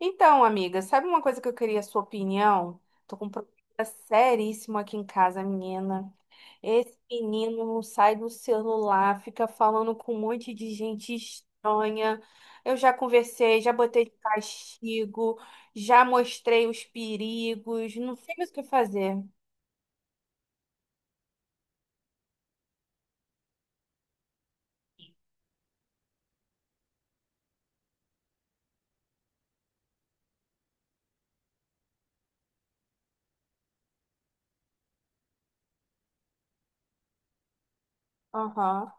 Então, amiga, sabe uma coisa que eu queria a sua opinião? Tô com um problema seríssimo aqui em casa, menina. Esse menino não sai do celular, fica falando com um monte de gente estranha. Eu já conversei, já botei de castigo, já mostrei os perigos, não sei mais o que fazer. Aham.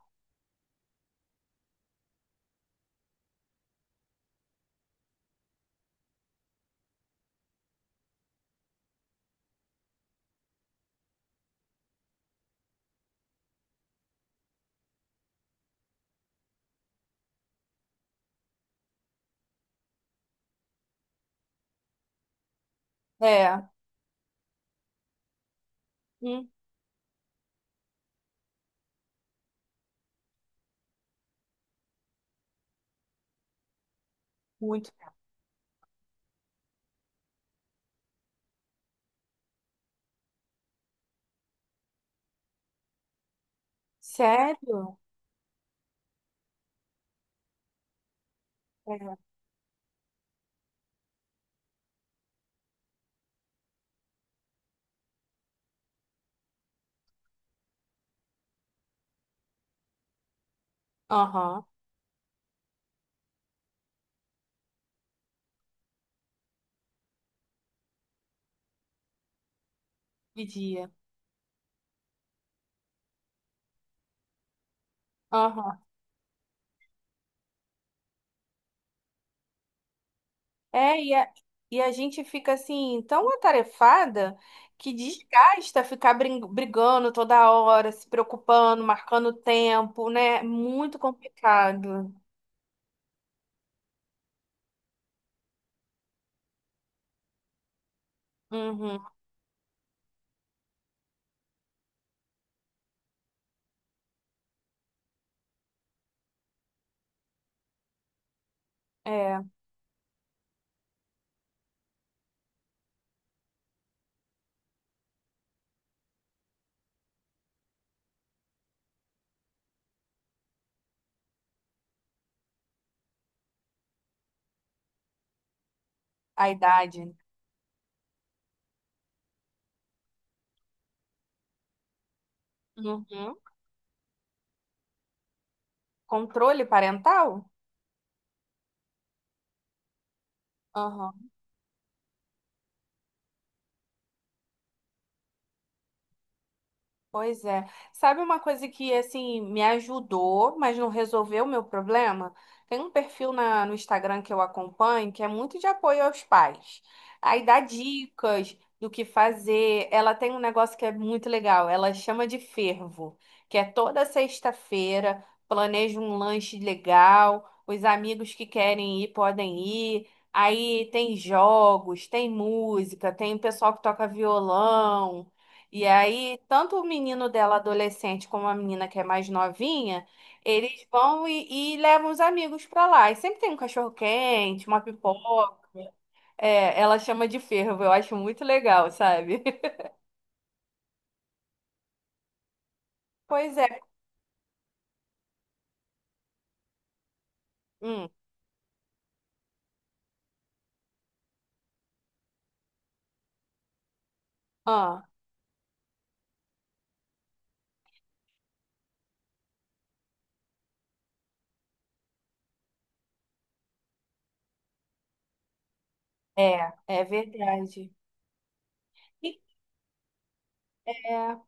É. Hum, muito. Sério? É. Aham. De dia. É, e a gente fica assim, tão atarefada que desgasta ficar brigando toda hora, se preocupando, marcando tempo, né? É muito complicado. Uhum, é, a idade. Uhum. Controle parental? Pois é. Sabe uma coisa que assim me ajudou, mas não resolveu o meu problema? Tem um perfil no Instagram que eu acompanho que é muito de apoio aos pais. Aí dá dicas do que fazer. Ela tem um negócio que é muito legal, ela chama de fervo, que é toda sexta-feira, planeja um lanche legal, os amigos que querem ir podem ir. Aí tem jogos, tem música, tem o pessoal que toca violão. E aí, tanto o menino dela adolescente como a menina que é mais novinha, eles vão e levam os amigos pra lá. E sempre tem um cachorro-quente, uma pipoca. É, ela chama de fervo, eu acho muito legal, sabe? Pois é. Hum, ah, é, é verdade. E- É.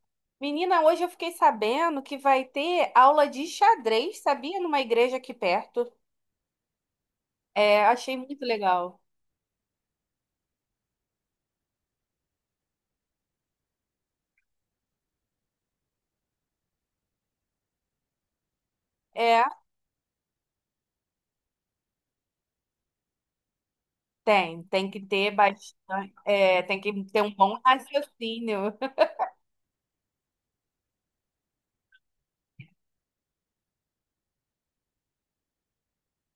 Menina, hoje eu fiquei sabendo que vai ter aula de xadrez, sabia? Numa igreja aqui perto. É, achei muito legal. É tem, tem que ter bastante, é, tem que ter um bom raciocínio.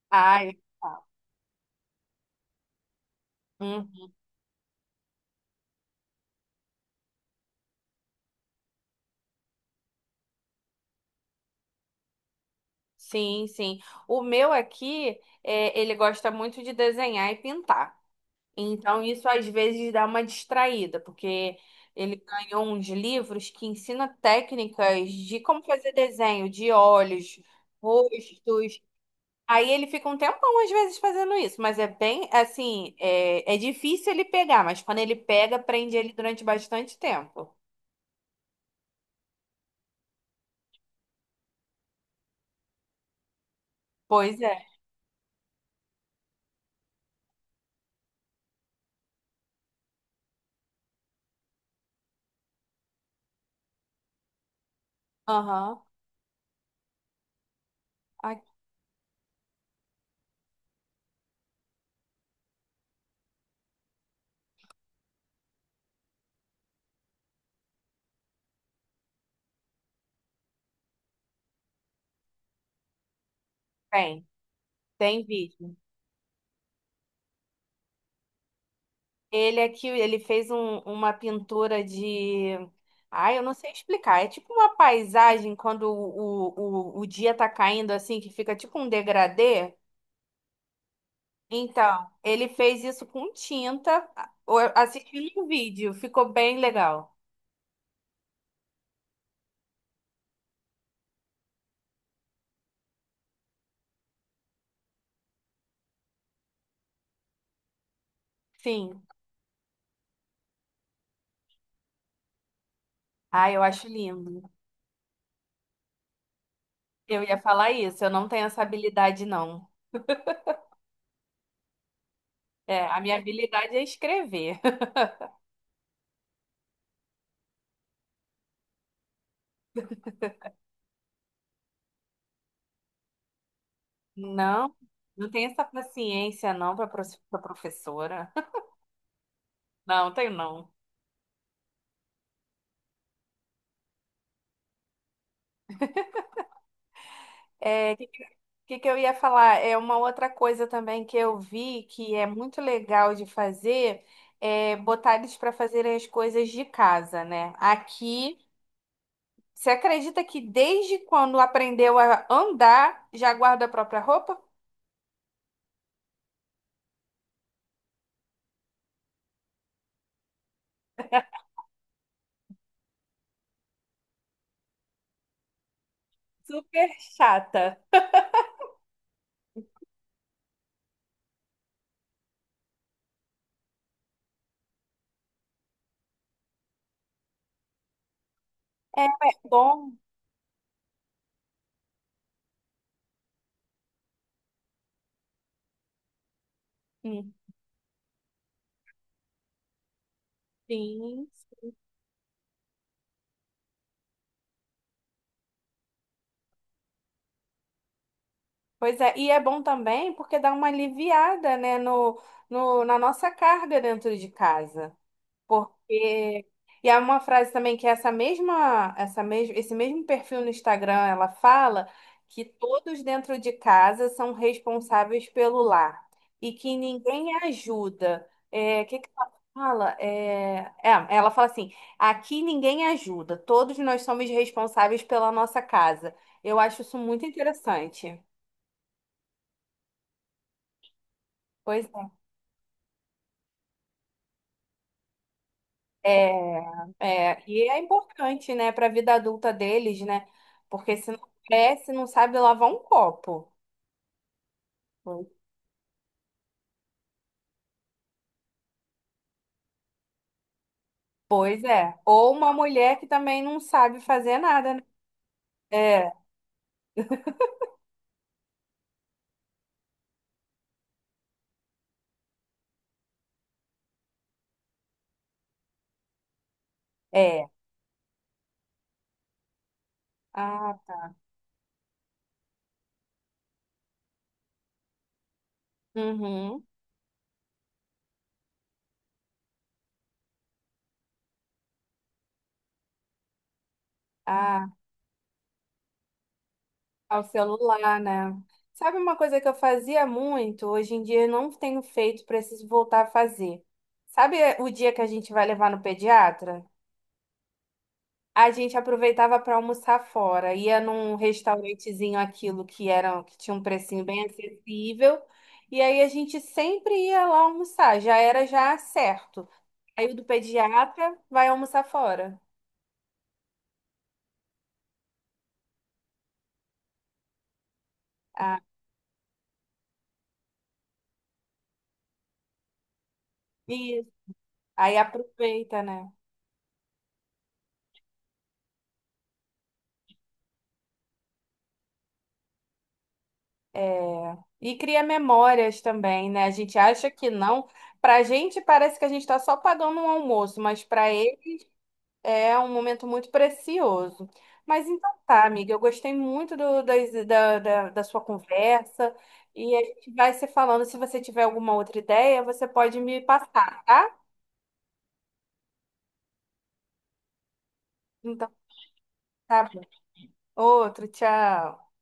Ai, tá. Uhum. Sim, sim. O meu aqui, é, ele gosta muito de desenhar e pintar. Então, isso às vezes dá uma distraída, porque ele ganhou uns livros que ensina técnicas de como fazer desenho de olhos, rostos. Aí ele fica um tempão às vezes fazendo isso, mas é bem assim, é difícil ele pegar, mas quando ele pega, prende ele durante bastante tempo. Pois é. Aham. Aqui tem, tem vídeo. Ele aqui, ele fez uma pintura de. Ai, eu não sei explicar. É tipo uma paisagem quando o dia tá caindo assim, que fica tipo um degradê. Então, ele fez isso com tinta, assistindo um vídeo. Ficou bem legal. Sim. Ah, eu acho lindo. Eu ia falar isso, eu não tenho essa habilidade, não. É, a minha habilidade é escrever. Não, não tenho essa paciência, não, para a professora. Não, tenho não. É, o que eu ia falar? É uma outra coisa também que eu vi que é muito legal de fazer, é botar eles para fazerem as coisas de casa, né? Aqui, você acredita que desde quando aprendeu a andar, já guarda a própria roupa? Super chata. Bom. Hum, Sim. Pois é, e é bom também porque dá uma aliviada, né, no, no, na nossa carga dentro de casa. Porque e há uma frase também que é essa mesma, essa mesmo, esse mesmo perfil no Instagram, ela fala que todos dentro de casa são responsáveis pelo lar e que ninguém ajuda. É, o que que ela fala? Ela fala assim: aqui ninguém ajuda, todos nós somos responsáveis pela nossa casa. Eu acho isso muito interessante. Pois é, e é importante, né, para a vida adulta deles, né? Porque se não cresce, não sabe lavar um copo. Pois é. Ou uma mulher que também não sabe fazer nada, né? É, é. Ah, uhum. Ah, ao celular, né? Sabe uma coisa que eu fazia muito, hoje em dia eu não tenho feito, preciso voltar a fazer. Sabe o dia que a gente vai levar no pediatra? A gente aproveitava para almoçar fora, ia num restaurantezinho aquilo que era que tinha um precinho bem acessível, e aí a gente sempre ia lá almoçar, já era já certo. Aí o do pediatra vai almoçar fora. Ah, isso. Aí aproveita, né? É. E cria memórias também, né? A gente acha que não. Pra gente parece que a gente tá só pagando um almoço, mas para ele é um momento muito precioso. Mas então tá, amiga, eu gostei muito do, das- da, da, da sua conversa e a gente vai se falando. Se você tiver alguma outra ideia, você pode me passar, tá? Então tá bom. Outro, tchau.